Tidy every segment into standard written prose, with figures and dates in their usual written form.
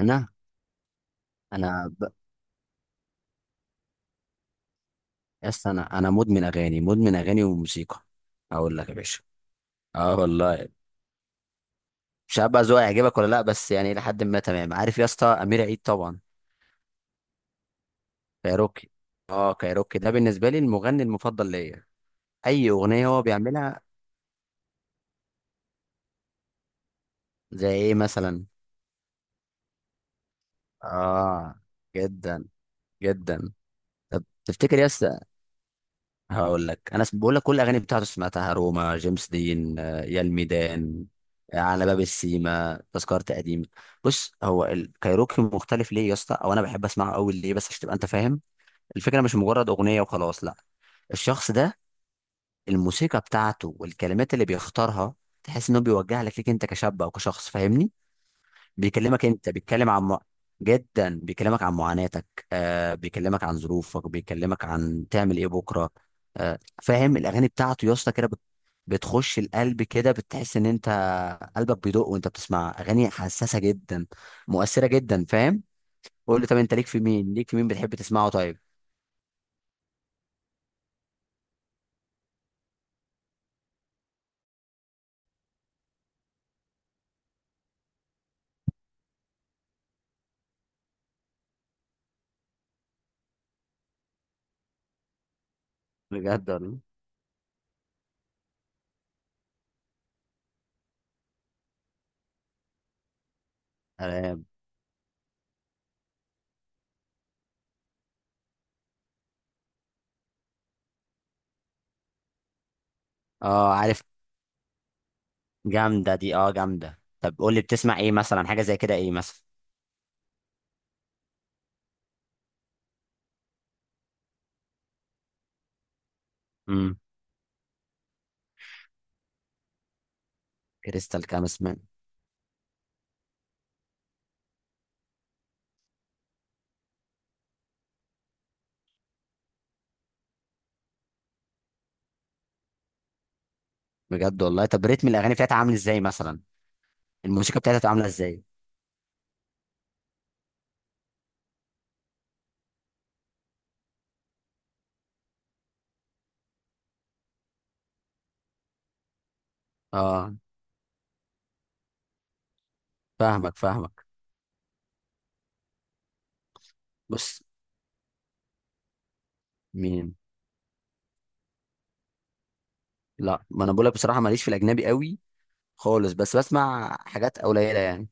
انا انا يس. انا مدمن اغاني، مدمن اغاني وموسيقى. اقول لك يا باشا. اه والله، مش عارف بقى ذوقي هيعجبك ولا لا، بس يعني لحد ما تمام. عارف يا اسطى، امير عيد طبعا، كايروكي. اه، كايروكي ده بالنسبه لي المغني المفضل ليا، اي اغنيه هو بيعملها. زي ايه مثلا؟ اه، جدا جدا. طب تفتكر يس؟ هقول لك، انا بقول لك كل الاغاني بتاعته سمعتها: روما، جيمس دين، يا الميدان، على باب السيما، تذكرة قديم. بص، هو الكايروكي مختلف ليه يا اسطى، او انا بحب اسمعه قوي ليه؟ بس عشان تبقى انت فاهم الفكره، مش مجرد اغنيه وخلاص، لا. الشخص ده، الموسيقى بتاعته والكلمات اللي بيختارها، تحس انه بيوجه لك، ليك انت كشاب او كشخص، فاهمني؟ بيكلمك انت، بيتكلم عن جدا، بيكلمك عن معاناتك، بيكلمك عن ظروفك، بيكلمك عن تعمل ايه بكره. آه، فاهم؟ الاغاني بتاعته يا اسطى كده بتخش القلب كده، بتحس ان انت قلبك بيدق وانت بتسمع اغاني حساسه جدا، مؤثره جدا، فاهم؟ قول لي، طب انت ليك في مين، ليك في مين بتحب تسمعه؟ طيب. بجد والله. تمام. اه عارف. جامده دي، اه جامده. طب قول لي، بتسمع ايه مثلا؟ حاجه زي كده، ايه مثلا؟ امم كريستال كام اسمه؟ بجد والله. طب ريتم الاغاني بتاعتها عامل ازاي مثلا؟ الموسيقى بتاعتها بتبقى عامله ازاي؟ اه، فاهمك فاهمك. بص، مين؟ لا، ما انا بقول لك بصراحه ماليش في الاجنبي قوي خالص، بس بسمع حاجات قليله يعني.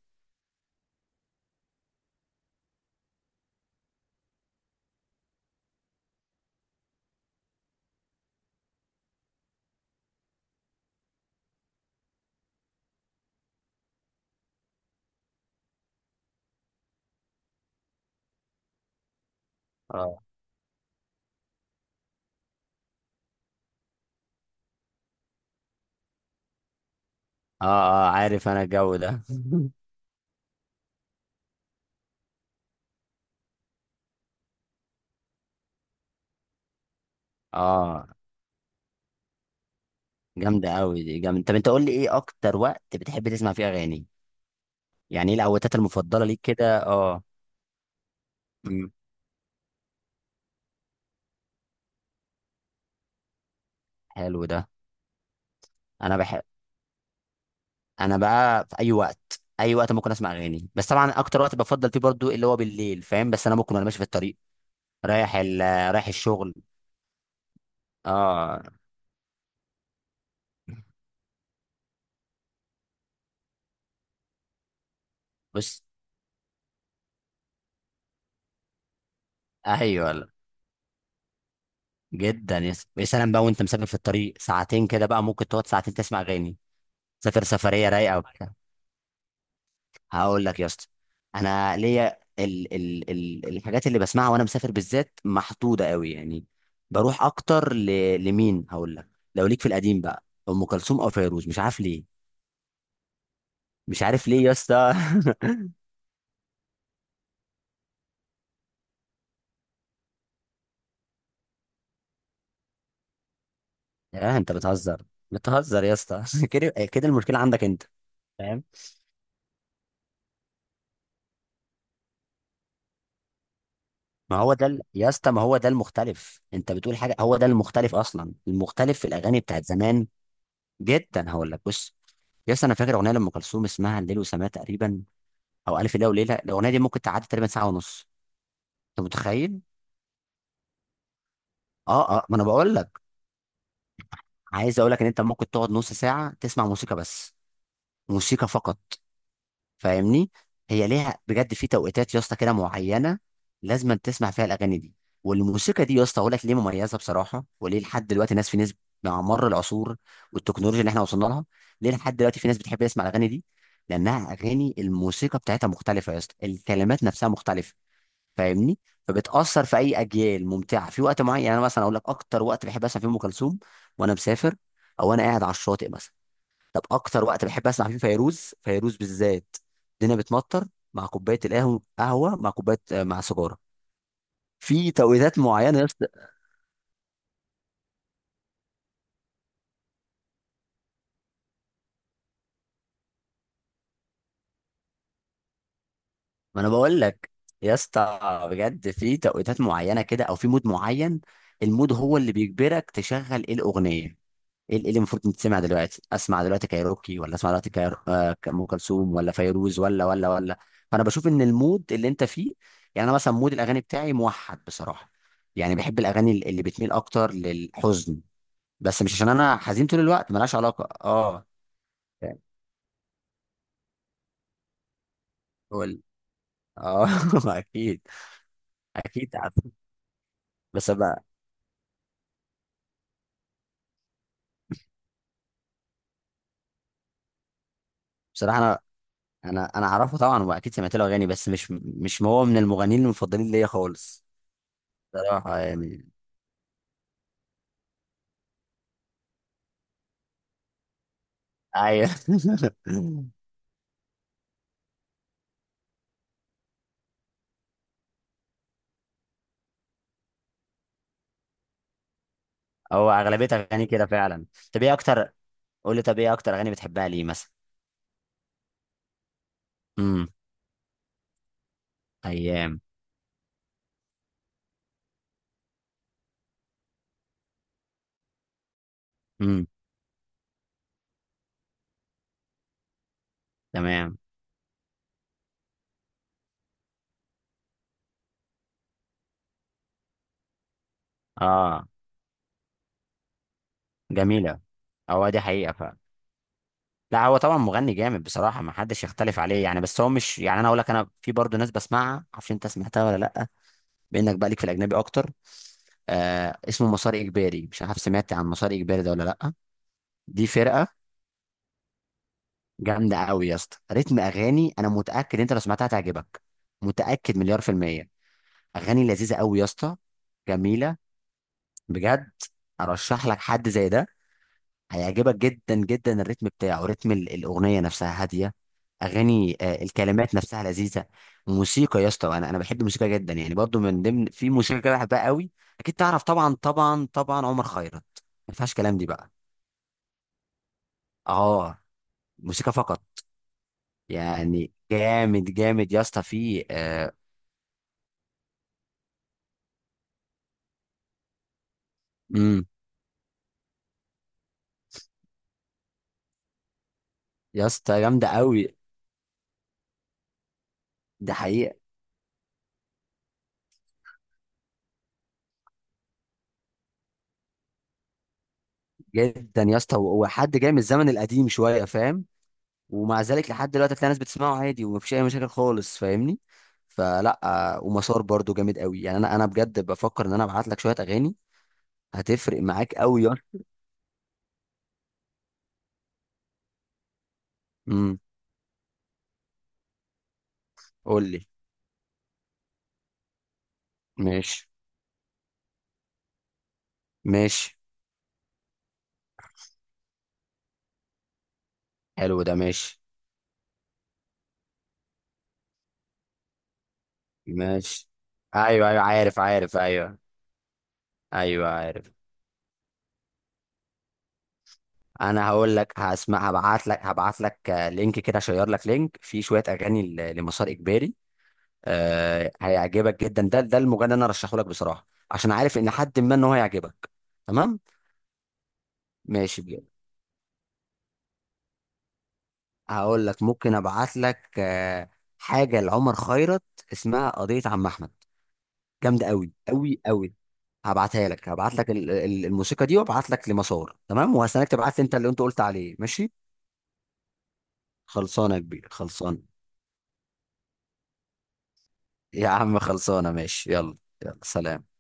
اه، اه، اه عارف، انا الجو ده. اه، جامده قوي دي، جامده. طب انت قول لي، ايه اكتر وقت بتحب تسمع فيه اغاني؟ يعني ايه الاوقات المفضله ليك كده؟ اه. أمم، حلو ده. انا بحب. انا بقى في اي وقت، اي وقت ممكن اسمع اغاني، بس طبعا اكتر وقت بفضل فيه برضو اللي هو بالليل، فاهم؟ بس انا ممكن وانا ماشي في الطريق رايح ال... رايح الشغل. اه. بص. ايوه، لا. جدا، يا سلام بقى، وانت مسافر في الطريق ساعتين كده بقى ممكن تقعد ساعتين تسمع اغاني، سافر سفريه رايقه وبتاع. هقول لك يا اسطى، انا ليا الحاجات اللي بسمعها وانا مسافر بالذات محدوده قوي يعني. بروح اكتر لمين هقول لك؟ لو ليك في القديم بقى، ام كلثوم او فيروز، مش عارف ليه، مش عارف ليه يا اسطى. يا انت بتهزر، بتهزر يا اسطى، كده كده المشكله عندك انت، فاهم؟ ما هو ده يا اسطى، ما هو ده المختلف، انت بتقول حاجه هو ده المختلف اصلا، المختلف في الاغاني بتاعت زمان. جدا، هقول لك، بص يا اسطى، انا فاكر اغنيه لام كلثوم اسمها الليل وسماه تقريبا، او الف ليله وليله، الاغنيه دي ممكن تعدي تقريبا ساعه ونص، انت متخيل؟ اه اه، ما انا بقول لك، عايز اقول لك ان انت ممكن تقعد نص ساعه تسمع موسيقى بس، موسيقى فقط، فاهمني؟ هي ليها بجد في توقيتات يا اسطى كده معينه لازم تسمع فيها الاغاني دي والموسيقى دي. يا اسطى اقول لك ليه مميزه بصراحه، وليه لحد دلوقتي ناس في ناس، مع مر العصور والتكنولوجيا اللي احنا وصلنا لها، ليه لحد دلوقتي في ناس بتحب تسمع الاغاني دي؟ لانها اغاني الموسيقى بتاعتها مختلفه يا اسطى، الكلمات نفسها مختلفه، فاهمني؟ فبتاثر في اي اجيال، ممتعه في وقت معين. يعني انا مثلا اقول لك، اكتر وقت بحب اسمع فيه ام كلثوم وانا مسافر، او انا قاعد على الشاطئ مثلا. طب اكتر وقت بحب اسمع فيه فيروز، فيروز بالذات، الدنيا بتمطر، مع كوبايه القهوه، قهوه مع كوبايه، مع سيجاره، في توقيتات معينه يا اسطى. ما انا بقول لك يا اسطى، بجد في توقيتات معينه كده، او في مود معين. المود هو اللي بيجبرك تشغل ايه الاغنيه، ايه اللي المفروض تتسمع دلوقتي. اسمع دلوقتي كايروكي، ولا اسمع دلوقتي كايرو... آه، ام كلثوم، ولا فيروز، ولا ولا ولا. فانا بشوف ان المود اللي انت فيه، يعني انا مثلا مود الاغاني بتاعي موحد بصراحه، يعني بحب الاغاني اللي بتميل اكتر للحزن، بس مش عشان انا حزين طول الوقت، ملهاش علاقه، اه. يعني، قول، اه. اكيد، اكيد عارف بس بقى. بصراحه انا، انا اعرفه طبعا واكيد سمعت له اغاني، بس مش هو من المغنيين المفضلين ليا خالص، بصراحه يعني. ايوه. هو اغلبيه اغاني كده فعلا. طب ايه اكتر، قول لي، طب ايه اكتر اغاني بتحبها ليه مثلا؟ امم. ايام. امم. تمام. اه. جميله. هو دي حقيقه فعلا. لا، هو طبعا مغني جامد بصراحه، ما حدش يختلف عليه يعني، بس هو مش يعني، انا اقول لك، انا في برضه ناس بسمعها، معرفش انت سمعتها ولا لا، بانك بقى ليك في الاجنبي اكتر. آه اسمه مسار اجباري، مش عارف سمعت عن مسار اجباري ده ولا لا. دي فرقه جامده قوي يا اسطى، رتم اغاني، انا متاكد انت لو سمعتها تعجبك، متاكد مليار في المية. اغاني لذيذه قوي يا اسطى، جميله بجد. ارشح لك حد زي ده، هيعجبك جدا جدا. الريتم بتاعه، رتم الاغنيه نفسها هاديه، اغاني، الكلمات نفسها لذيذه. موسيقى يا اسطى، انا بحب الموسيقى جدا يعني، برضو من ضمن في موسيقى كده بحبها قوي، اكيد تعرف طبعا، طبعا طبعا عمر خيرت، ما فيهاش كلام دي بقى. اه. موسيقى فقط. يعني جامد جامد يا اسطى، في آه، امم يا اسطى جامده قوي. ده حقيقه. جدا يا اسطى، هو هو حد جاي من الزمن القديم شويه، فاهم؟ ومع ذلك لحد دلوقتي هتلاقي ناس بتسمعه عادي ومفيش اي مشاكل خالص، فاهمني؟ فلا، ومسار برضو جامد قوي يعني، انا بجد بفكر ان انا ابعت لك شويه اغاني، هتفرق معاك قوي يا اسطى. امم قول لي. ماشي ماشي، حلو ده. ماشي ماشي. ايوه ايوه، عارف عارف، ايوه. ايوه عارف. انا هقول لك، هسمع، هبعت لك لينك كده اشير لك لينك فيه شويه اغاني لمسار اجباري. آه، هيعجبك جدا، ده المغني اللي انا ارشحه لك بصراحه، عشان عارف ان حد ما ان هو هيعجبك. تمام. ماشي بجد، هقول لك ممكن ابعت لك حاجه لعمر خيرت اسمها قضيه عم احمد، جامده قوي قوي قوي. هبعتها لك، هبعت لك الموسيقى دي، وابعت لك لمسار. تمام، وهستناك تبعت لي انت اللي انت قلت عليه، ماشي؟ خلصانه يا كبير، خلصانه. يا عم خلصانه، ماشي يلا. يلا سلام.